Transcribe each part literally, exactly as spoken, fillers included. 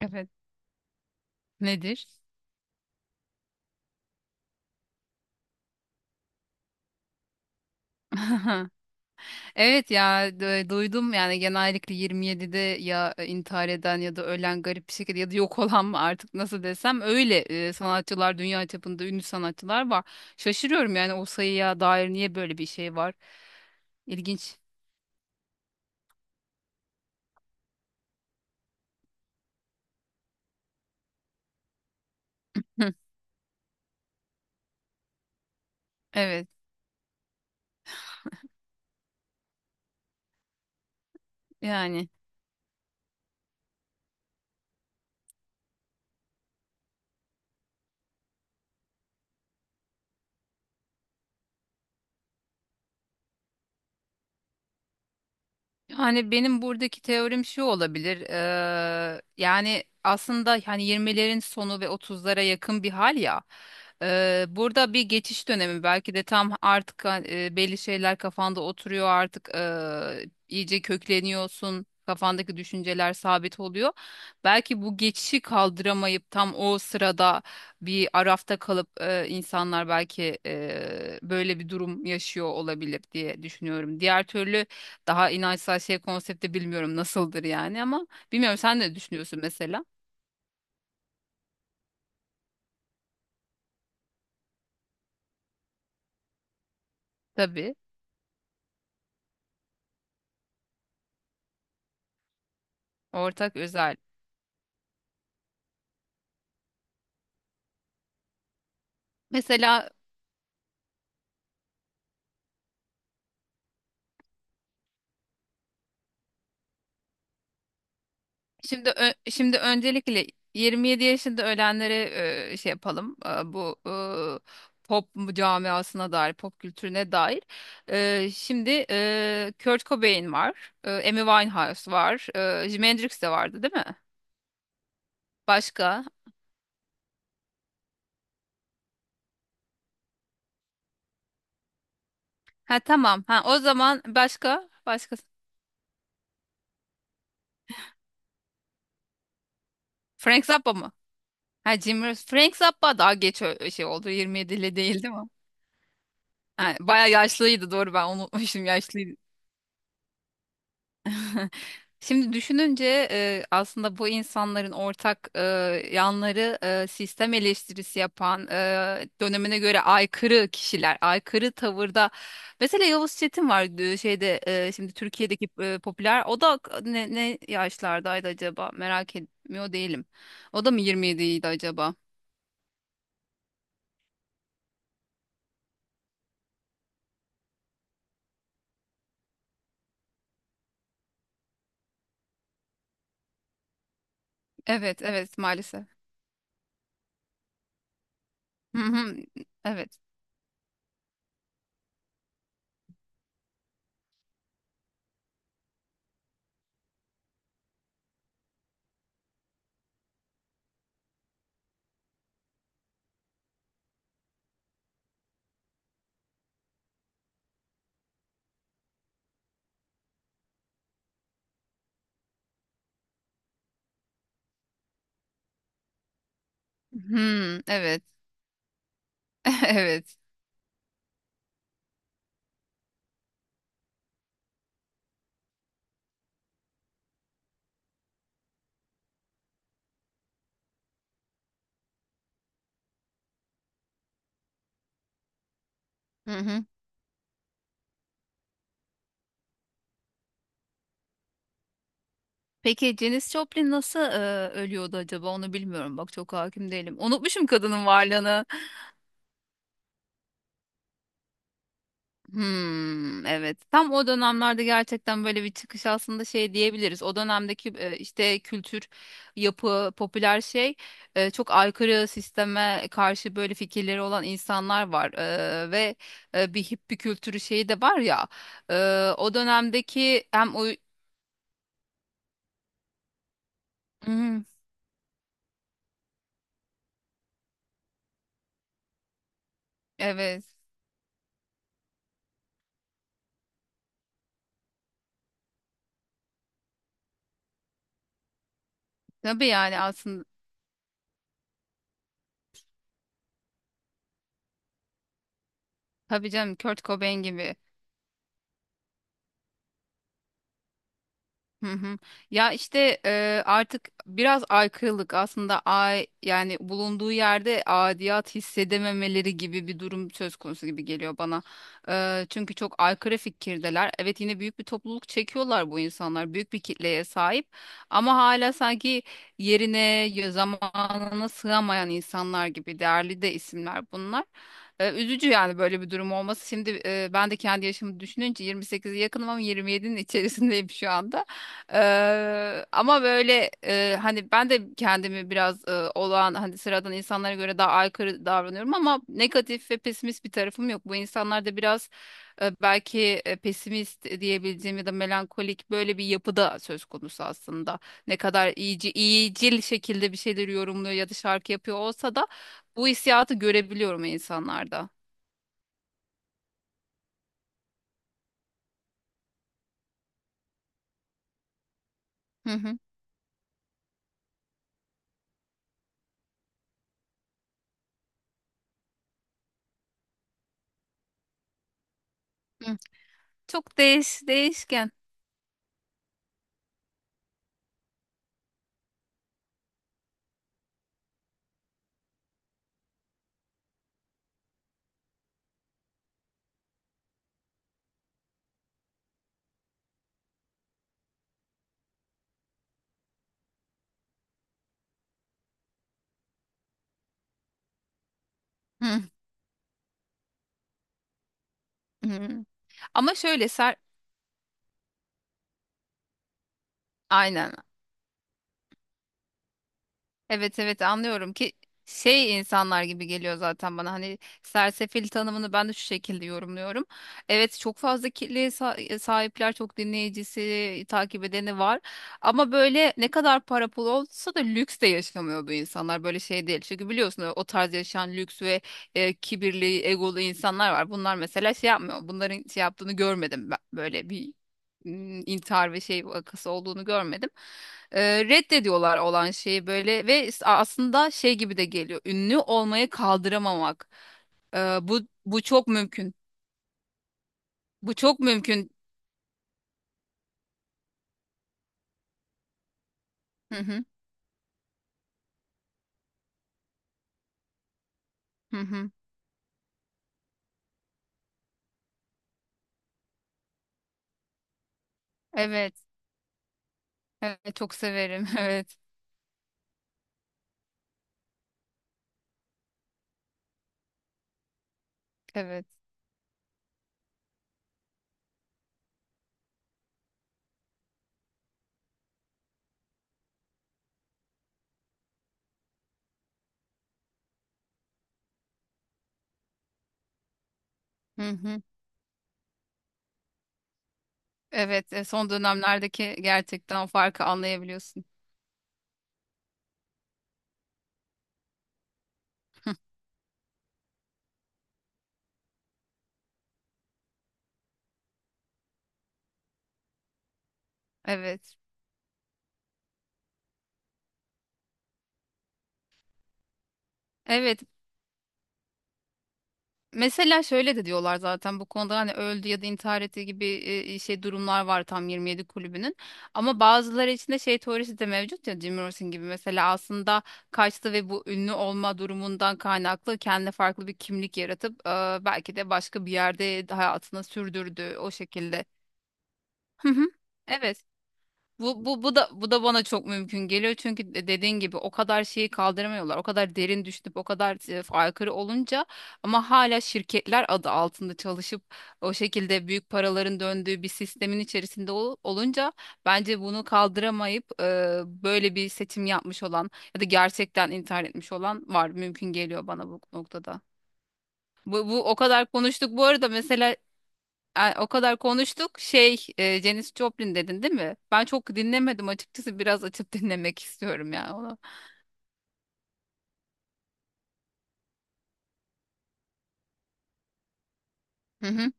Evet. Nedir? Evet ya du- duydum yani genellikle yirmi yedide ya e, intihar eden ya da ölen garip bir şekilde ya da yok olan mı artık nasıl desem öyle e, sanatçılar, dünya çapında ünlü sanatçılar var. Şaşırıyorum yani, o sayıya dair niye böyle bir şey var? İlginç. Evet yani. Yani benim buradaki teorim şu olabilir. Eee, yani aslında hani yirmilerin sonu ve otuzlara yakın bir hal ya. Eee, burada bir geçiş dönemi belki de tam artık, ha- eee, belli şeyler kafanda oturuyor artık, eee, iyice kökleniyorsun. Kafandaki düşünceler sabit oluyor. Belki bu geçişi kaldıramayıp tam o sırada bir arafta kalıp, eee, insanlar belki eee, böyle bir durum yaşıyor olabilir diye düşünüyorum. Diğer türlü daha inançsal şey konsepti bilmiyorum nasıldır yani, ama bilmiyorum, sen ne düşünüyorsun mesela? Tabii. Ortak özel. Mesela şimdi ö- şimdi öncelikle yirmi yedi yaşında ölenlere e, şey yapalım. E, bu e, pop camiasına dair, pop kültürüne dair. E, şimdi e, Kurt Cobain var, e, Amy Winehouse var, e, Jimi Hendrix de vardı değil mi? Başka? Ha, tamam. Ha, o zaman başka? Başka? Frank Zappa mı? Ha, Jim Ross. Frank Zappa daha geç ö- şey oldu. yirmi yedili değil değil mi? Ha, bayağı yaşlıydı, doğru, ben unutmuşum, yaşlıydı. Şimdi düşününce e, aslında bu insanların ortak e, yanları, e, sistem eleştirisi yapan, e, dönemine göre aykırı kişiler, aykırı tavırda. Mesela Yavuz Çetin var e, şeyde, e, şimdi Türkiye'deki e, popüler. O da ne, ne yaşlardaydı acaba? Merak etmiyor değilim. O da mı yirmi yediydi acaba? Evet, evet maalesef. Hı hı, evet. Hmm, evet. Evet. Hı hı. Peki Janis Joplin nasıl e, ölüyordu acaba? Onu bilmiyorum. Bak, çok hakim değilim. Unutmuşum kadının varlığını. Hmm, evet. Tam o dönemlerde gerçekten böyle bir çıkış aslında, şey diyebiliriz. O dönemdeki e, işte kültür, yapı, popüler şey, e, çok aykırı, sisteme karşı böyle fikirleri olan insanlar var. E, ve e, bir hippie kültürü şeyi de var ya. E, O dönemdeki hem o... Hmm, evet. Tabii yani, aslında tabii canım, Kurt Cobain gibi. Hı hı. Ya işte e, artık biraz aykırılık aslında, ay yani, bulunduğu yerde adiyat hissedememeleri gibi bir durum söz konusu gibi geliyor bana. E, çünkü çok aykırı fikirdeler. Evet, yine büyük bir topluluk çekiyorlar bu insanlar. Büyük bir kitleye sahip ama hala sanki yerine, y- zamanına sığamayan insanlar gibi, değerli de isimler bunlar. E, üzücü yani böyle bir durum olması. Şimdi e, ben de kendi yaşımı düşününce yirmi sekize yakınım, ama yirmi yedinin içerisindeyim şu anda. Eee, ama böyle eee, hani ben de kendimi biraz eee, olağan, hani sıradan insanlara göre daha aykırı davranıyorum, ama negatif ve pesimist bir tarafım yok. Bu insanlar da biraz eee, belki eee, pesimist diyebileceğim ya da melankolik, böyle bir yapıda söz konusu aslında. Ne kadar iyici, iyicil şekilde bir şeyleri yorumluyor ya da şarkı yapıyor olsa da bu hissiyatı görebiliyorum insanlarda. Hı hı. hı. Çok değiş, değişken. Hı hı. Ama şöyle ser, aynen. Evet, evet anlıyorum ki şey insanlar gibi geliyor zaten bana, hani sersefil tanımını ben de şu şekilde yorumluyorum. Evet, çok fazla kitleye sa- sahipler, çok dinleyicisi, takip edeni var, ama böyle ne kadar para pul olsa da lüks de yaşamıyor bu insanlar, böyle şey değil. Çünkü biliyorsun, o tarz yaşayan lüks ve e, kibirli, egolu insanlar var, bunlar mesela şey yapmıyor, bunların şey yaptığını görmedim ben, böyle bir mm, intihar ve şey vakası olduğunu görmedim. E, reddediyorlar olan şeyi böyle, ve s- aslında şey gibi de geliyor. Ünlü olmayı kaldıramamak. E, bu bu çok mümkün. Bu çok mümkün. Hı hı. Hı hı. Evet. Evet, çok severim. Evet. Evet. Hı hı. Evet, e, son dönemlerdeki gerçekten o farkı anlayabiliyorsun. Evet. Evet. Mesela şöyle de diyorlar zaten bu konuda, hani öldü ya da intihar etti gibi e, şey durumlar var tam, yirmi yedi kulübünün. Ama bazıları içinde şey teorisi de mevcut ya, Jim Morrison gibi mesela, aslında kaçtı ve bu ünlü olma durumundan kaynaklı kendine farklı bir kimlik yaratıp e, belki de başka bir yerde hayatını sürdürdü o şekilde. Hı hı. Evet. Bu, bu, bu da bu da bana çok mümkün geliyor, çünkü de- dediğin gibi, o kadar şeyi kaldıramıyorlar. O kadar derin düşünüp o kadar e, aykırı olunca, ama hala şirketler adı altında çalışıp o şekilde büyük paraların döndüğü bir sistemin içerisinde ol- olunca, bence bunu kaldıramayıp e, böyle bir seçim yapmış olan ya da gerçekten intihar etmiş olan var. Mümkün geliyor bana bu noktada. Bu, bu o kadar konuştuk. Bu arada mesela, ay, O kadar konuştuk. Şey, e, Janis Joplin dedin değil mi? Ben çok dinlemedim açıkçası. Biraz açıp dinlemek istiyorum ya onu. Hı hı.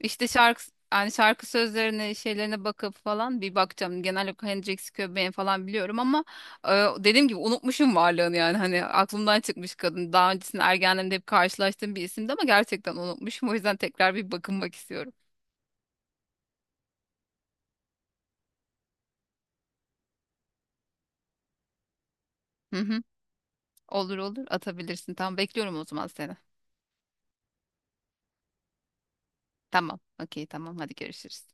İşte şarkı yani şarkı sözlerine, şeylerine bakıp falan bir bakacağım. Genel olarak Hendrix, Cobain falan biliyorum, ama e, dediğim gibi unutmuşum varlığını yani. Hani aklımdan çıkmış kadın. Daha öncesinde ergenliğimde hep karşılaştığım bir isimdi, ama gerçekten unutmuşum. O yüzden tekrar bir bakınmak istiyorum. Hı hı. Olur olur, atabilirsin. Tamam, bekliyorum o zaman seni. Tamam. Okey, tamam. Hadi görüşürüz.